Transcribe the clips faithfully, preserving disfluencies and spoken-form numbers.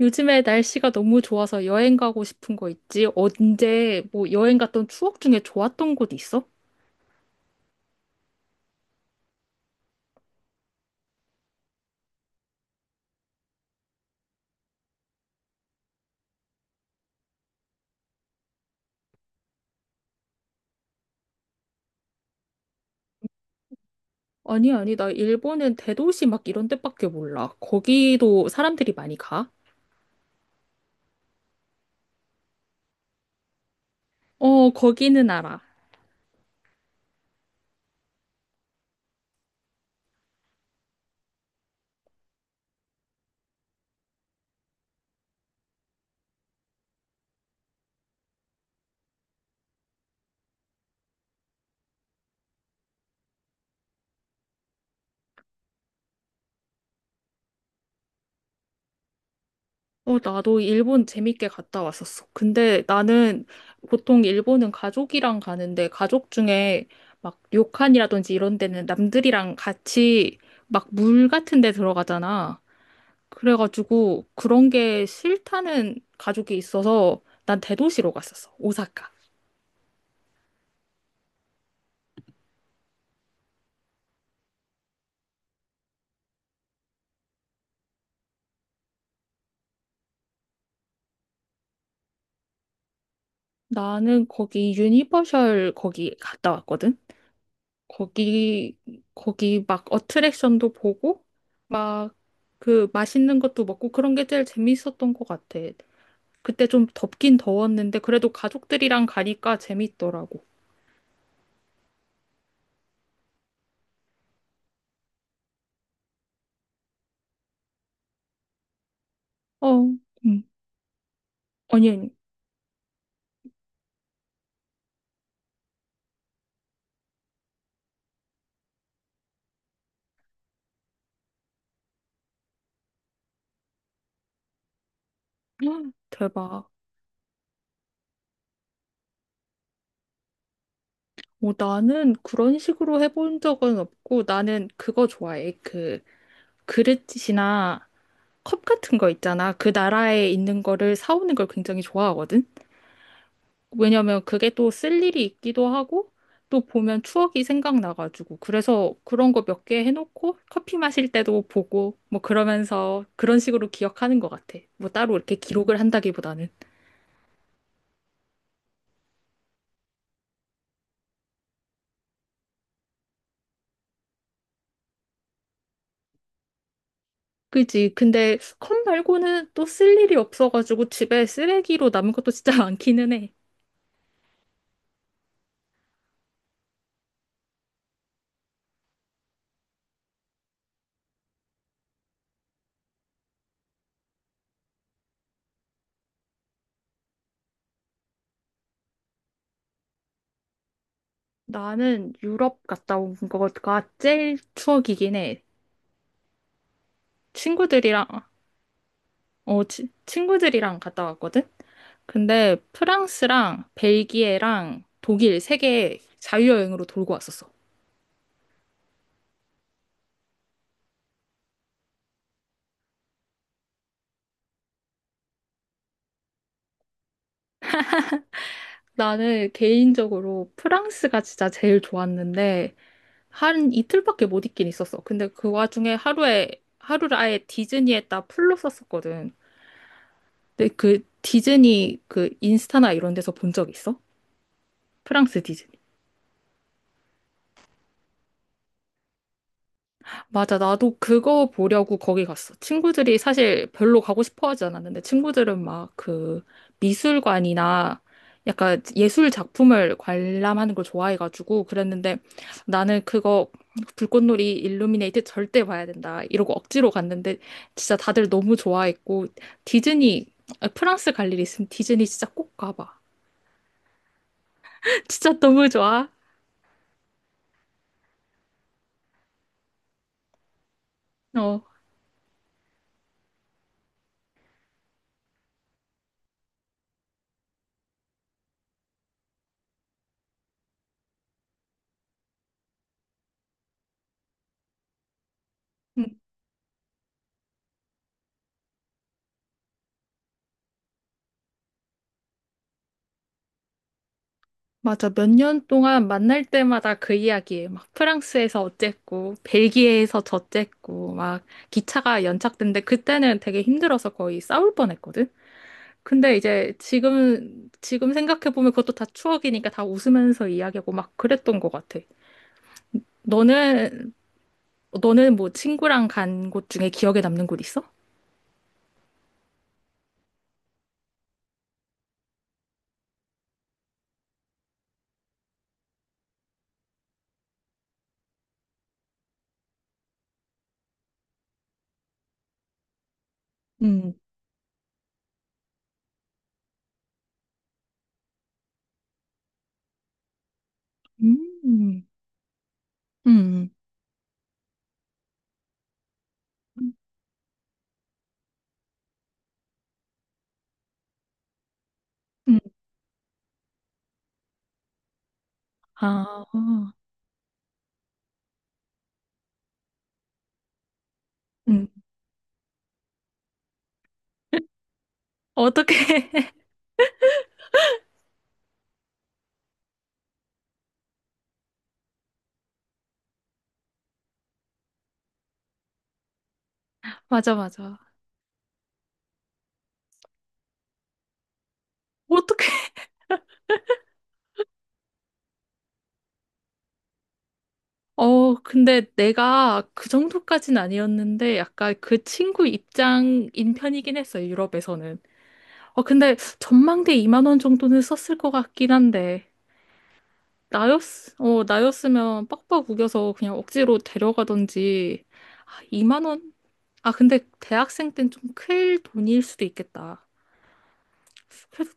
요즘에 날씨가 너무 좋아서 여행 가고 싶은 거 있지? 언제 뭐 여행 갔던 추억 중에 좋았던 곳 있어? 아니, 아니, 나 일본은 대도시 막 이런 데밖에 몰라. 거기도 사람들이 많이 가? 어, 거기는 알아. 어, 나도 일본 재밌게 갔다 왔었어. 근데 나는 보통 일본은 가족이랑 가는데, 가족 중에 막 료칸이라든지 이런 데는 남들이랑 같이 막 물 같은 데 들어가잖아. 그래가지고 그런 게 싫다는 가족이 있어서 난 대도시로 갔었어. 오사카. 나는 거기 유니버셜 거기 갔다 왔거든. 거기 거기 막 어트랙션도 보고 막 그 맛있는 것도 먹고, 그런 게 제일 재밌었던 것 같아. 그때 좀 덥긴 더웠는데 그래도 가족들이랑 가니까 재밌더라고. 어, 음. 아니, 아니. 헉, 대박. 뭐 나는 그런 식으로 해본 적은 없고, 나는 그거 좋아해. 그 그릇이나 컵 같은 거 있잖아. 그 나라에 있는 거를 사오는 걸 굉장히 좋아하거든. 왜냐면 그게 또 쓸 일이 있기도 하고, 또 보면 추억이 생각나가지고. 그래서 그런 거 몇 개 해놓고 커피 마실 때도 보고 뭐 그러면서 그런 식으로 기억하는 것 같아. 뭐 따로 이렇게 기록을 한다기보다는. 그지. 근데 컵 말고는 또 쓸 일이 없어가지고 집에 쓰레기로 남은 것도 진짜 많기는 해. 나는 유럽 갔다 온 거가 제일 추억이긴 해. 친구들이랑, 어, 치- 친구들이랑 갔다 왔거든? 근데 프랑스랑 벨기에랑 독일 세 개 자유여행으로 돌고 왔었어. 나는 개인적으로 프랑스가 진짜 제일 좋았는데, 한 이틀밖에 못 있긴 있었어. 근데 그 와중에 하루에, 하루를 아예 디즈니에다 풀로 썼었거든. 근데 그 디즈니, 그 인스타나 이런 데서 본 적 있어? 프랑스 맞아. 나도 그거 보려고 거기 갔어. 친구들이 사실 별로 가고 싶어 하지 않았는데, 친구들은 막 그 미술관이나 약간 예술 작품을 관람하는 걸 좋아해가지고 그랬는데, 나는 그거 불꽃놀이 일루미네이트 절대 봐야 된다, 이러고 억지로 갔는데 진짜 다들 너무 좋아했고. 디즈니, 아, 프랑스 갈 일 있으면 디즈니 진짜 꼭 가봐. 진짜 너무 좋아. 어. 응. 맞아. 몇 년 동안 만날 때마다 그 이야기에 막 프랑스에서 어쨌고, 벨기에에서 저쨌고, 막 기차가 연착된데 그때는 되게 힘들어서 거의 싸울 뻔했거든. 근데 이제 지금 지금 생각해 보면 그것도 다 추억이니까 다 웃으면서 이야기하고 막 그랬던 것 같아. 너는 너는 뭐 친구랑 간 곳 중에 기억에 남는 곳 있어? 음, 음, 음, 음, 아, 음. 어떻게? 맞아, 맞아. 어떻게? 어, 근데 내가 그 정도까진 아니었는데, 약간 그 친구 입장인 편이긴 했어, 유럽에서는. 어, 근데 전망대 이만 원 정도는 썼을 것 같긴 한데. 나였, 어, 나였으면 빡빡 우겨서 그냥 억지로 데려가던지. 아, 이만 원? 아, 근데 대학생 땐 좀 클 돈일 수도 있겠다. 그래도,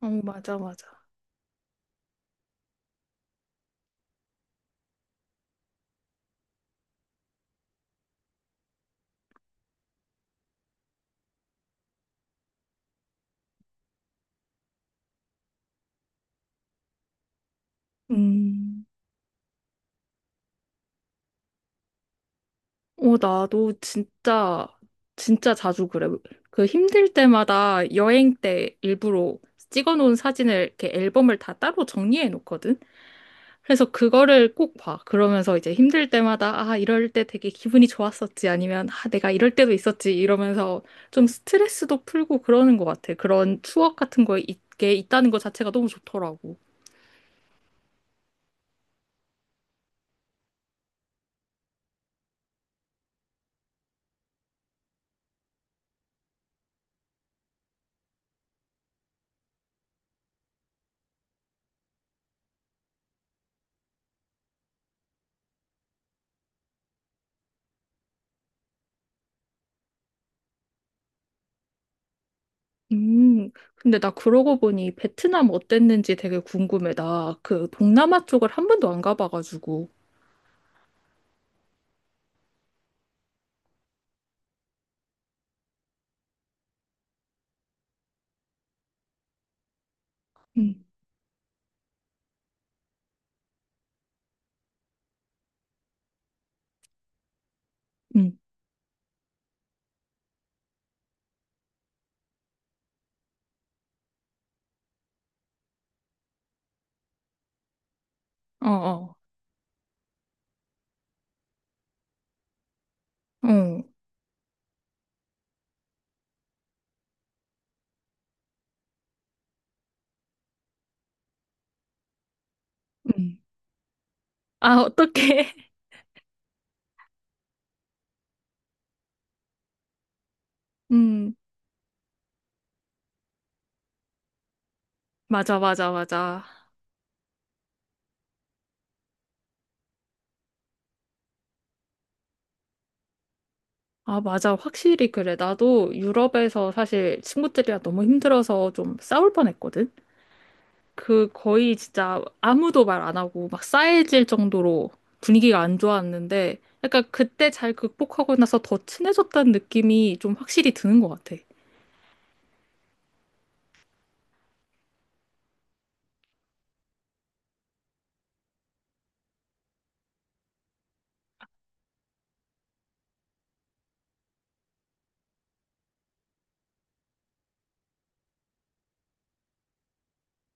어, 맞아, 맞아. 음. 어, 나도 진짜, 진짜 자주 그래. 그 힘들 때마다 여행 때 일부러 찍어 놓은 사진을 이렇게 앨범을 다 따로 정리해 놓거든. 그래서 그거를 꼭 봐. 그러면서 이제 힘들 때마다, 아, 이럴 때 되게 기분이 좋았었지. 아니면 아, 내가 이럴 때도 있었지. 이러면서 좀 스트레스도 풀고 그러는 것 같아. 그런 추억 같은 거 있게 있다는 것 자체가 너무 좋더라고. 음, 근데 나 그러고 보니 베트남 어땠는지 되게 궁금해. 나 그 동남아 쪽을 한 번도 안 가봐가지고. 응, 응, 어, 어, 어, 응, 아, 어떡해. 음, 맞아, 맞아, 맞아. 아, 맞아. 확실히 그래. 나도 유럽에서 사실 친구들이랑 너무 힘들어서 좀 싸울 뻔했거든. 그 거의 진짜 아무도 말 안 하고 막 싸해질 정도로 분위기가 안 좋았는데, 약간 그때 잘 극복하고 나서 더 친해졌다는 느낌이 좀 확실히 드는 것 같아.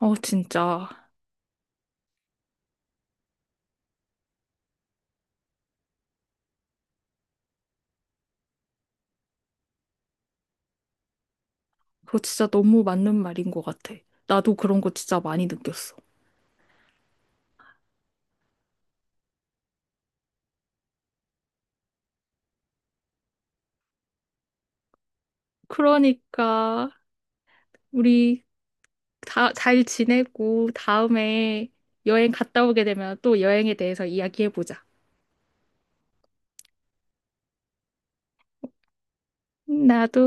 어, 진짜. 그거 진짜 너무 맞는 말인 것 같아. 나도 그런 거 진짜 많이 느꼈어. 그러니까 우리 다 잘 지내고, 다음에 여행 갔다 오게 되면 또 여행에 대해서 이야기해보자. 나도.